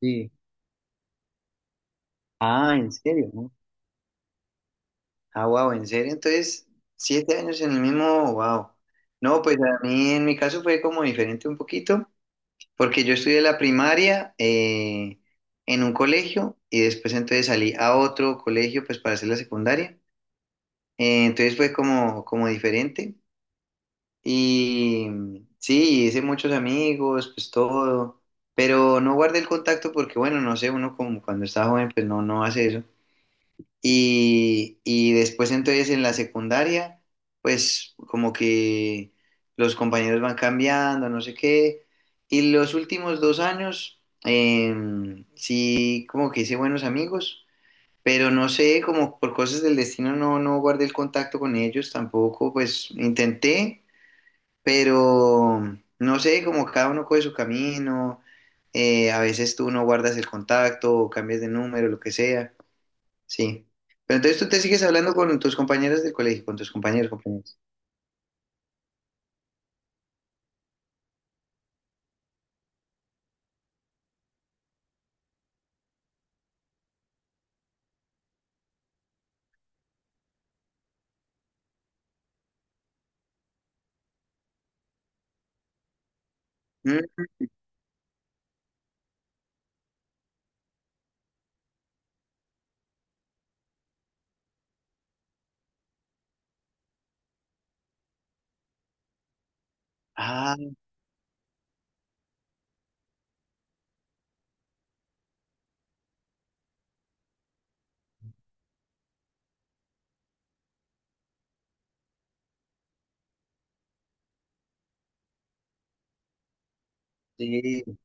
Sí. Ah, ¿en serio? ¿No? Ah, wow, ¿en serio? Entonces, 7 años en el mismo, wow. No, pues a mí en mi caso fue como diferente un poquito, porque yo estudié la primaria en un colegio y después entonces salí a otro colegio pues para hacer la secundaria. Entonces fue como, como diferente y sí, hice muchos amigos, pues todo, pero no guardé el contacto porque bueno, no sé, uno como cuando está joven pues no, no hace eso. Y después entonces en la secundaria, pues como que los compañeros van cambiando, no sé qué. Y los últimos 2 años, sí, como que hice buenos amigos, pero no sé, como por cosas del destino no, no guardé el contacto con ellos tampoco, pues intenté, pero no sé, como cada uno coge su camino, a veces tú no guardas el contacto o cambias de número, lo que sea. Sí. Pero entonces tú te sigues hablando con tus compañeras del colegio, con tus compañeros, compañeras. ¿Mm? Ah, sí,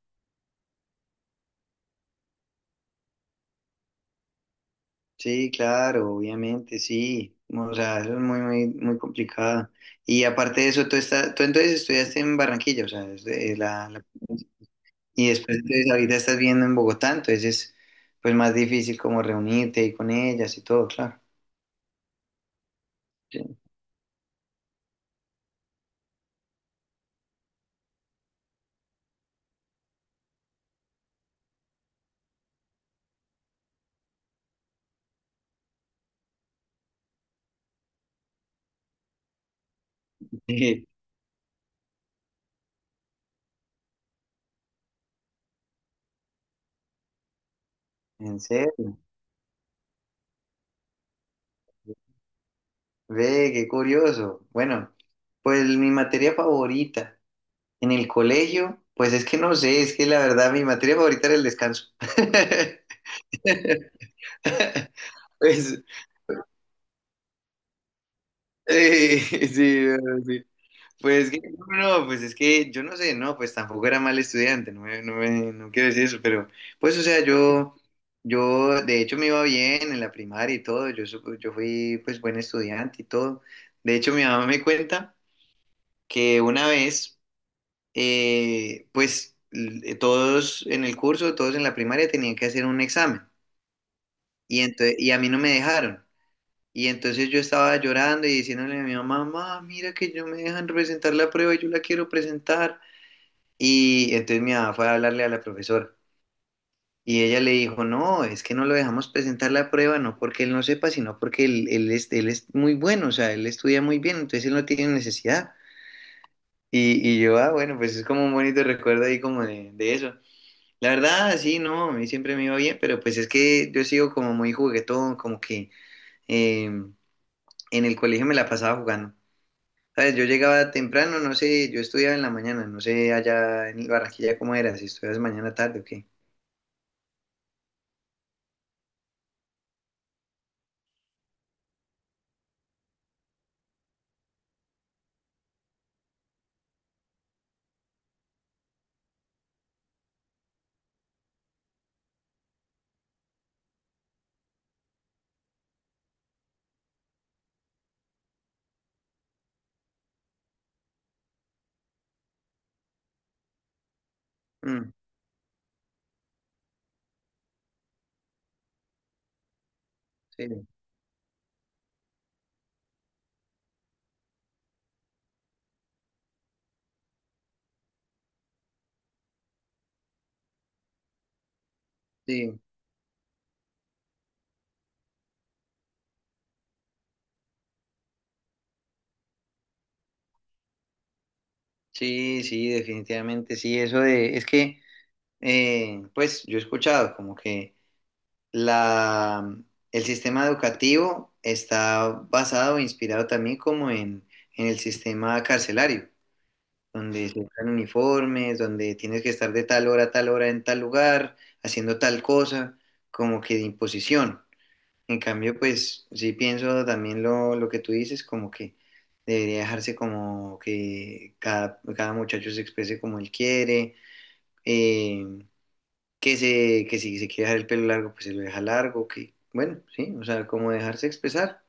sí, claro, obviamente, sí. O sea, eso es muy, muy, muy complicado. Y aparte de eso, tú estás, tú entonces estudiaste en Barranquilla, o sea, es de- la- y después entonces ahorita estás viviendo en Bogotá, entonces es pues más difícil como reunirte y con ellas y todo, claro. Sí. En serio, ve, qué curioso. Bueno, pues mi materia favorita. En el colegio, pues es que no sé, es que la verdad mi materia favorita era el descanso. Pues, eh, sí, no, sí. Pues que, no, no, no, pues es que yo no sé, no, pues tampoco era mal estudiante, no, me- no, me- no quiero decir eso, pero pues o sea, yo de hecho me iba bien en la primaria y todo, yo, supo- yo fui pues buen estudiante y todo. De hecho mi mamá me cuenta que una vez... todos en el curso, todos en la primaria tenían que hacer un examen y, entonces, y a mí no me dejaron. Y entonces yo estaba llorando y diciéndole a mi mamá, mamá, mira que yo me dejan presentar la prueba y yo la quiero presentar. Y entonces mi mamá fue a hablarle a la profesora y ella le dijo, no, es que no lo dejamos presentar la prueba, no porque él no sepa, sino porque él, él es muy bueno, o sea, él estudia muy bien, entonces él no tiene necesidad. Y yo, ah, bueno, pues es como un bonito recuerdo ahí como de eso. La verdad, sí, no, a mí siempre me iba bien, pero pues es que yo sigo como muy juguetón, como que en el colegio me la pasaba jugando. ¿Sabes? Yo llegaba temprano, no sé, yo estudiaba en la mañana, no sé allá en Barranquilla cómo era, si estudias mañana tarde o qué. Mm, sí, sí, sí, sí, definitivamente, sí, eso de, es que, pues yo he escuchado como que la, el sistema educativo está basado, inspirado también como en el sistema carcelario. Donde se usan uniformes, donde tienes que estar de tal hora a tal hora en tal lugar, haciendo tal cosa, como que de imposición. En cambio, pues sí pienso también lo que tú dices, como que debería dejarse como que cada, cada muchacho se exprese como él quiere, eh, que, se, que si se quiere dejar el pelo largo, pues se lo deja largo, que bueno, sí, o sea, como dejarse expresar,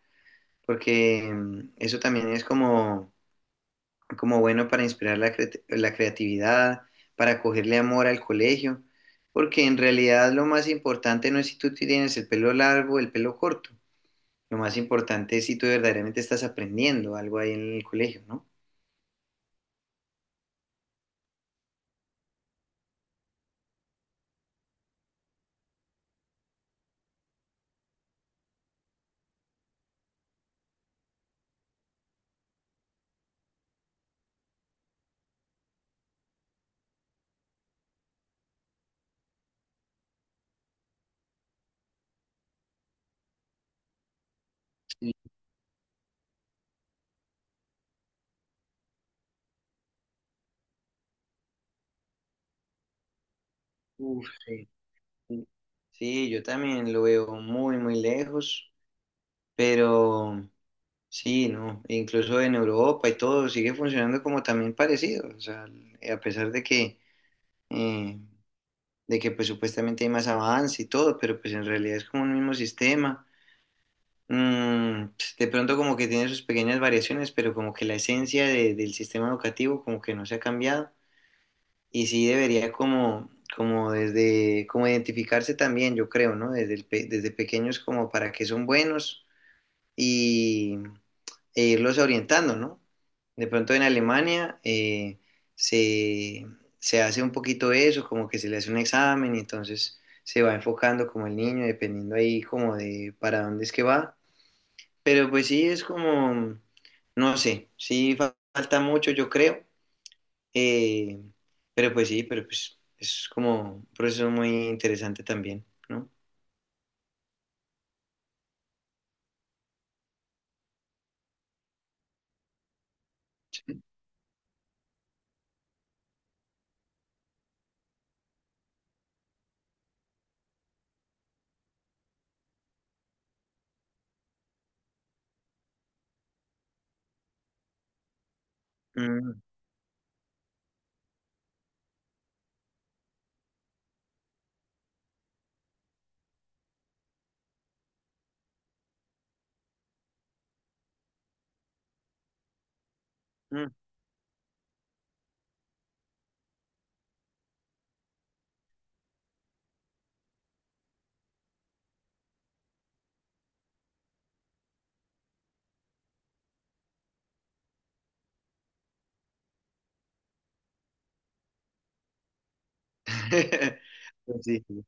porque eso también es como como bueno para inspirar la, creati- la creatividad, para cogerle amor al colegio, porque en realidad lo más importante no es si tú tienes el pelo largo o el pelo corto, lo más importante es si tú verdaderamente estás aprendiendo algo ahí en el colegio, ¿no? Sí, uf, sí, sí. Sí, yo también lo veo muy, muy lejos, pero sí, ¿no? Incluso en Europa y todo sigue funcionando como también parecido, o sea, a pesar eh, de que pues supuestamente hay más avance y todo, pero pues en realidad es como un mismo sistema. Pues, de pronto como que tiene sus pequeñas variaciones, pero como que la esencia de- del sistema educativo como que no se ha cambiado y sí debería como, como desde, como identificarse también, yo creo, ¿no? Desde, el pe- desde pequeños como para qué son buenos y, e irlos orientando, ¿no? De pronto en Alemania se, se hace un poquito eso, como que se le hace un examen y entonces se va enfocando como el niño, dependiendo ahí como de para dónde es que va. Pero pues sí, es como, no sé, sí fa- falta mucho, yo creo. Eh, pero pues sí, pero pues es como un proceso muy interesante también, ¿no? Mm, mm. Pues sí. Sí.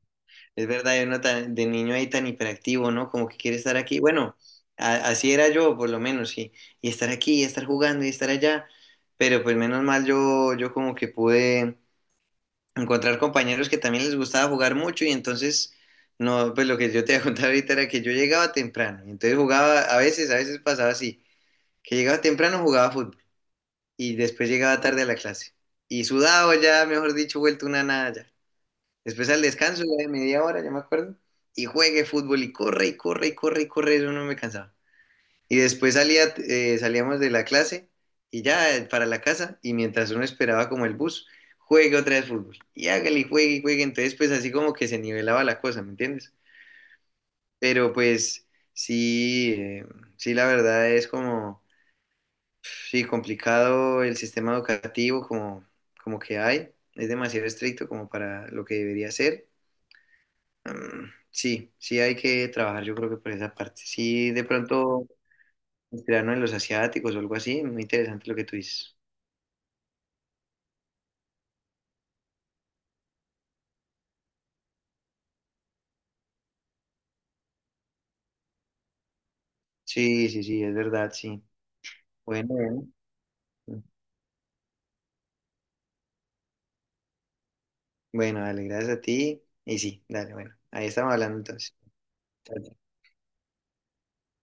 Es verdad, uno tan- de niño ahí tan hiperactivo, ¿no? Como que quiere estar aquí. Bueno, a- así era yo, por lo menos, y estar aquí, y estar jugando, y estar allá. Pero pues menos mal yo, yo como que pude encontrar compañeros que también les gustaba jugar mucho, y entonces, no, pues lo que yo te iba a contar ahorita era que yo llegaba temprano, y entonces jugaba, a veces pasaba así, que llegaba temprano, jugaba fútbol, y después llegaba tarde a la clase. Y sudado ya, mejor dicho, vuelto una nada ya. Después al descanso, ya de media hora, ya me acuerdo, y juegue fútbol y corre y corre y corre y corre, eso no me cansaba. Y después salía, salíamos de la clase y ya para la casa, y mientras uno esperaba como el bus, juegue otra vez fútbol. Y hágale y juegue, entonces pues así como que se nivelaba la cosa, ¿me entiendes? Pero pues sí, sí la verdad es como, sí, complicado el sistema educativo como, como que hay, es demasiado estricto como para lo que debería ser. Sí, sí hay que trabajar yo creo que por esa parte. Sí, de pronto inspirarnos en los asiáticos o algo así, muy interesante lo que tú dices. Sí, sí, sí, es verdad, sí. Bueno, bueno. Bueno, dale, gracias a ti. Y sí, dale, bueno. Ahí estamos hablando entonces. Chao,